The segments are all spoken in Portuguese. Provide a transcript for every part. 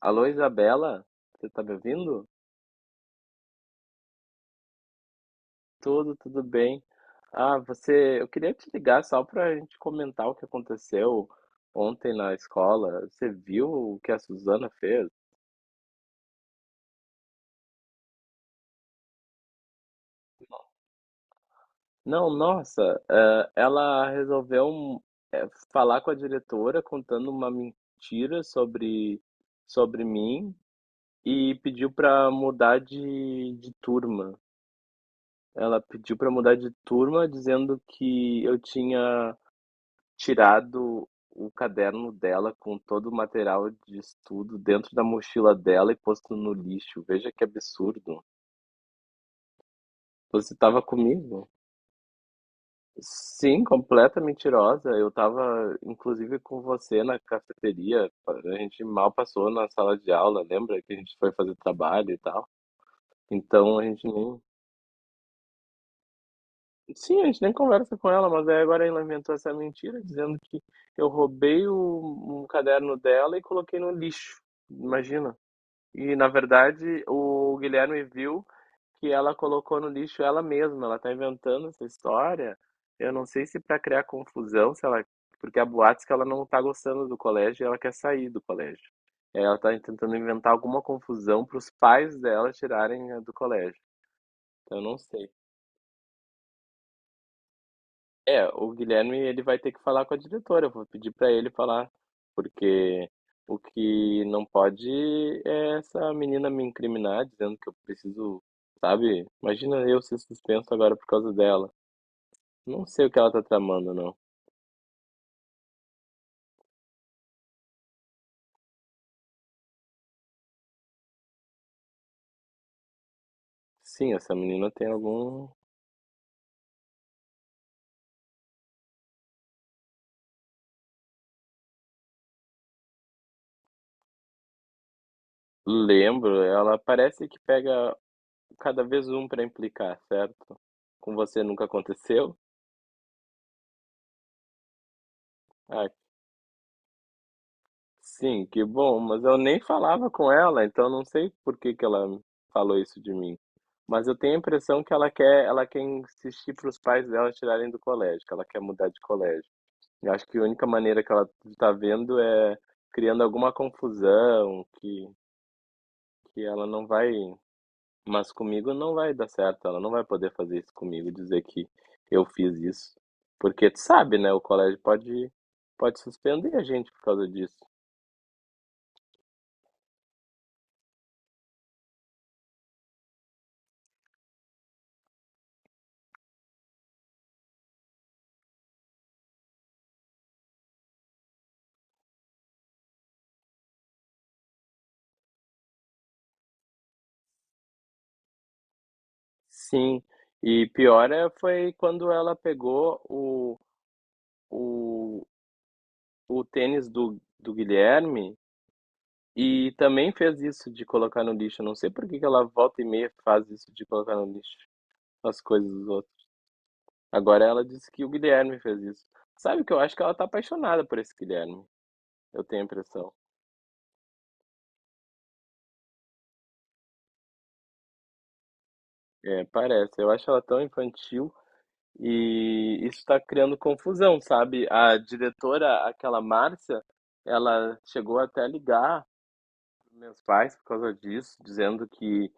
Alô, Isabela, você tá me ouvindo? Tudo bem. Ah, você, eu queria te ligar só pra gente comentar o que aconteceu ontem na escola. Você viu o que a Suzana fez? Não, nossa, ela resolveu falar com a diretora contando uma mentira sobre mim e pediu pra mudar de turma. Ela pediu pra mudar de turma dizendo que eu tinha tirado o caderno dela com todo o material de estudo dentro da mochila dela e posto no lixo. Veja que absurdo. Você estava comigo? Sim, completa mentirosa. Eu estava, inclusive, com você na cafeteria. A gente mal passou na sala de aula, lembra que a gente foi fazer trabalho e tal? Então a gente nem. Sim, a gente nem conversa com ela, mas aí agora ela inventou essa mentira dizendo que eu roubei um caderno dela e coloquei no lixo. Imagina. E, na verdade, o Guilherme viu que ela colocou no lixo ela mesma. Ela tá inventando essa história. Eu não sei se para criar confusão, se ela, porque há boatos que ela não tá gostando do colégio e ela quer sair do colégio. É, ela tá tentando inventar alguma confusão para os pais dela tirarem do colégio. Eu não sei. É, o Guilherme ele vai ter que falar com a diretora. Eu vou pedir para ele falar, porque o que não pode é essa menina me incriminar dizendo que eu preciso, sabe? Imagina eu ser suspenso agora por causa dela. Não sei o que ela tá tramando, não. Sim, essa menina tem algum. Lembro, ela parece que pega cada vez um para implicar, certo? Com você nunca aconteceu? Ah, sim, que bom, mas eu nem falava com ela, então não sei por que que ela falou isso de mim. Mas eu tenho a impressão que ela quer insistir para os pais dela tirarem do colégio, que ela quer mudar de colégio. Eu acho que a única maneira que ela está vendo é criando alguma confusão, que ela não vai, mas comigo não vai dar certo, ela não vai poder fazer isso comigo, dizer que eu fiz isso. Porque tu sabe, né? O colégio pode suspender a gente por causa disso. Sim, e pior é foi quando ela pegou o, o tênis do Guilherme e também fez isso de colocar no lixo. Eu não sei por que que ela volta e meia faz isso de colocar no lixo as coisas dos outros. Agora ela disse que o Guilherme fez isso. Sabe que eu acho que ela tá apaixonada por esse Guilherme. Eu tenho a impressão. É, parece. Eu acho ela tão infantil e isso está criando confusão, sabe? A diretora, aquela Márcia, ela chegou até a ligar mensais por causa disso, dizendo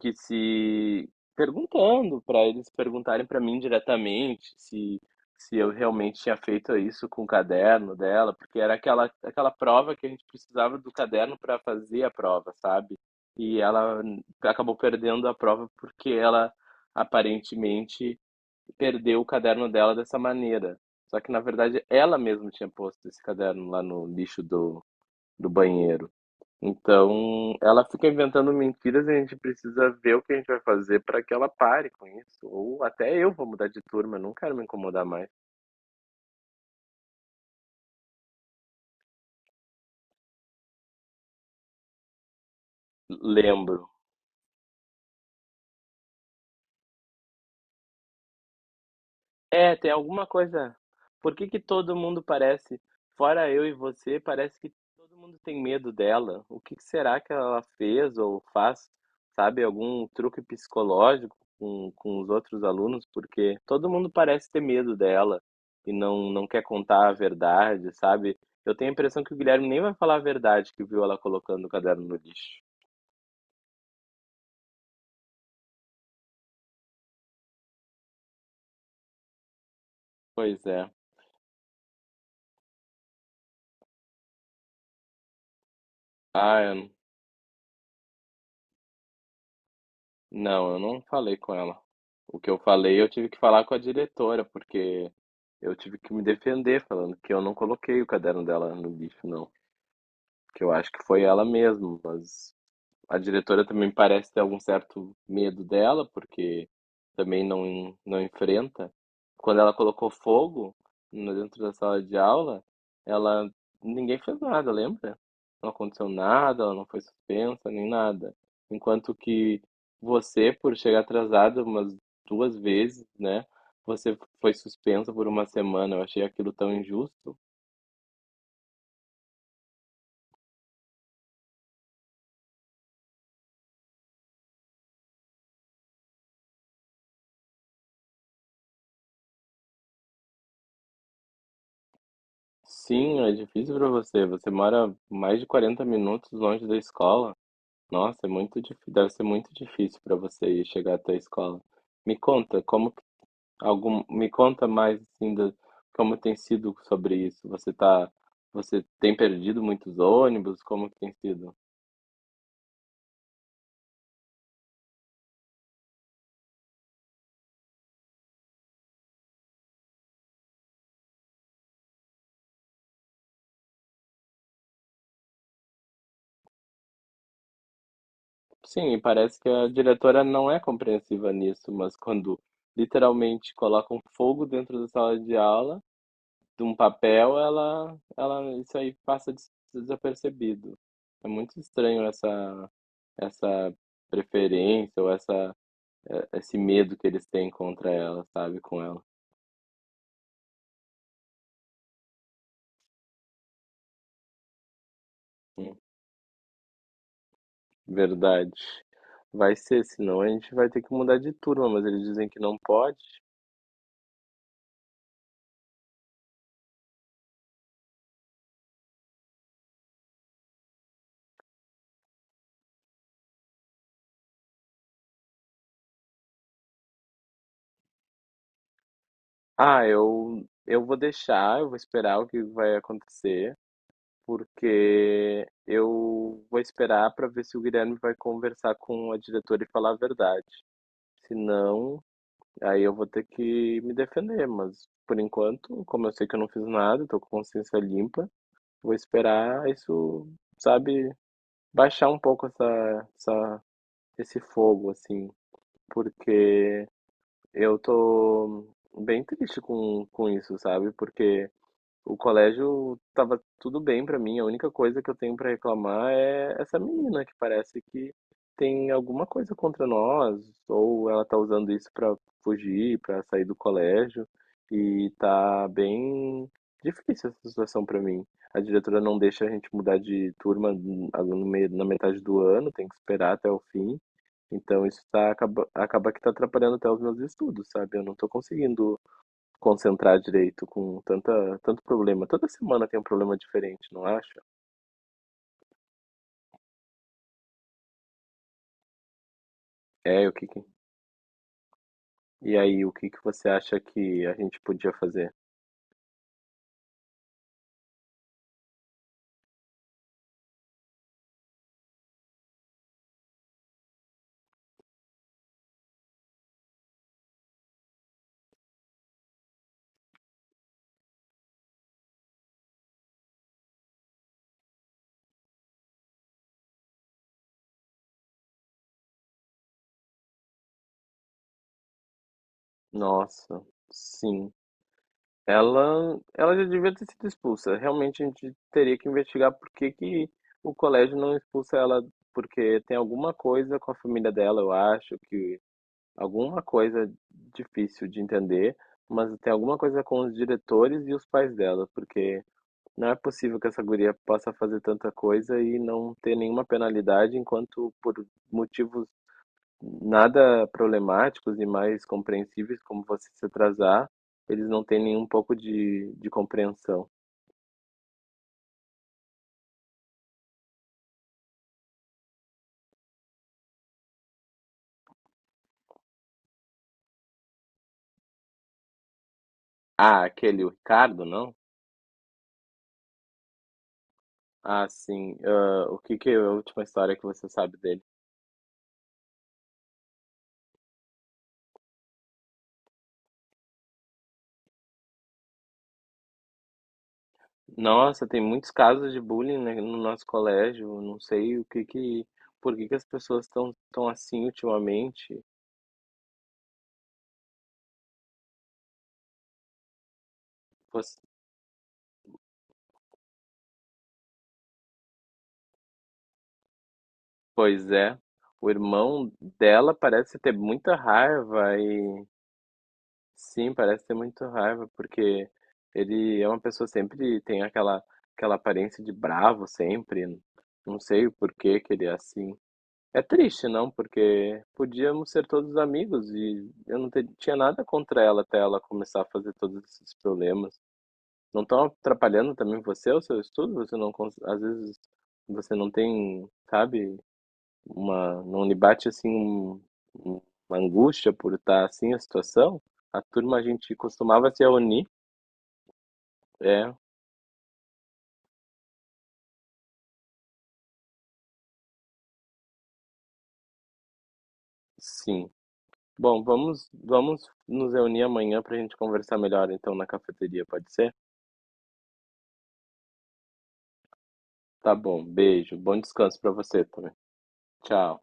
que se perguntando para eles perguntarem para mim diretamente se eu realmente tinha feito isso com o caderno dela, porque era aquela prova que a gente precisava do caderno para fazer a prova, sabe? E ela acabou perdendo a prova porque ela aparentemente perdeu o caderno dela dessa maneira. Só que na verdade ela mesma tinha posto esse caderno lá no lixo do banheiro. Então, ela fica inventando mentiras e a gente precisa ver o que a gente vai fazer para que ela pare com isso. Ou até eu vou mudar de turma, eu não quero me incomodar mais. Lembro. É, tem alguma coisa. Por que que todo mundo parece, fora eu e você, parece que todo mundo tem medo dela? O que que será que ela fez ou faz? Sabe, algum truque psicológico com os outros alunos? Porque todo mundo parece ter medo dela e não quer contar a verdade, sabe? Eu tenho a impressão que o Guilherme nem vai falar a verdade que viu ela colocando o caderno no lixo. Pois é. Ah, não, eu não falei com ela. O que eu falei, eu tive que falar com a diretora, porque eu tive que me defender falando que eu não coloquei o caderno dela no lixo, não. Que eu acho que foi ela mesma, mas a diretora também parece ter algum certo medo dela, porque também não enfrenta. Quando ela colocou fogo dentro da sala de aula, ela ninguém fez nada, lembra? Não aconteceu nada, ela não foi suspensa, nem nada. Enquanto que você, por chegar atrasada umas duas vezes, né? Você foi suspensa por uma semana. Eu achei aquilo tão injusto. Sim, é difícil para você. Você mora mais de 40 minutos longe da escola. Nossa, é muito difí deve ser muito difícil para você ir chegar até a escola. Me conta como que algum, me conta mais assim da, como tem sido sobre isso. Você tá, você tem perdido muitos ônibus? Como que tem sido? Sim, e parece que a diretora não é compreensiva nisso, mas quando literalmente colocam fogo dentro da sala de aula, de um papel, ela, isso aí passa desapercebido. É muito estranho essa preferência ou essa esse medo que eles têm contra ela, sabe? Com ela. Hum, Verdade. Vai ser, senão a gente vai ter que mudar de turma, mas eles dizem que não pode. Ah, eu vou deixar, eu vou esperar o que vai acontecer, porque eu vou esperar para ver se o Guilherme vai conversar com a diretora e falar a verdade. Se não, aí eu vou ter que me defender, mas por enquanto, como eu sei que eu não fiz nada, tô com consciência limpa, vou esperar isso, sabe, baixar um pouco esse fogo, assim, porque eu tô bem triste com isso, sabe? Porque o colégio tava tudo bem pra mim. A única coisa que eu tenho pra reclamar é essa menina que parece que tem alguma coisa contra nós, ou ela tá usando isso pra fugir, pra sair do colégio, e tá bem difícil essa situação pra mim. A diretora não deixa a gente mudar de turma no no meio- na metade do ano, tem que esperar até o fim. Então isso tá, acaba, acaba que tá atrapalhando até os meus estudos, sabe? Eu não tô conseguindo concentrar direito com tanta, tanto problema. Toda semana tem um problema diferente, não acha? É, o que que... E aí, o que que você acha que a gente podia fazer? Nossa, sim. Ela já devia ter sido expulsa. Realmente a gente teria que investigar por que que o colégio não expulsa ela, porque tem alguma coisa com a família dela, eu acho que alguma coisa difícil de entender, mas tem alguma coisa com os diretores e os pais dela, porque não é possível que essa guria possa fazer tanta coisa e não ter nenhuma penalidade, enquanto por motivos nada problemáticos e mais compreensíveis, como você se atrasar, eles não têm nenhum pouco de compreensão. Ah, aquele, o Ricardo, não? Ah, sim. Ah, o que que é a última história que você sabe dele? Nossa, tem muitos casos de bullying, né, no nosso colégio. Não sei o que que, por que que as pessoas estão tão assim ultimamente. Pois é. O irmão dela parece ter muita raiva e sim, parece ter muita raiva porque ele é uma pessoa sempre tem aquela aparência de bravo sempre. Não sei o porquê que ele é assim. É triste, não, porque podíamos ser todos amigos e eu tinha nada contra ela até ela começar a fazer todos esses problemas. Não estão atrapalhando também você, o seu estudo? Você não, às vezes você não tem, sabe? Uma, não lhe bate assim um- uma angústia por estar assim a situação? A turma a gente costumava se reunir, é, sim. Bom, vamos nos reunir amanhã para a gente conversar melhor então na cafeteria, pode ser? Tá bom, beijo, bom descanso para você também. Tchau.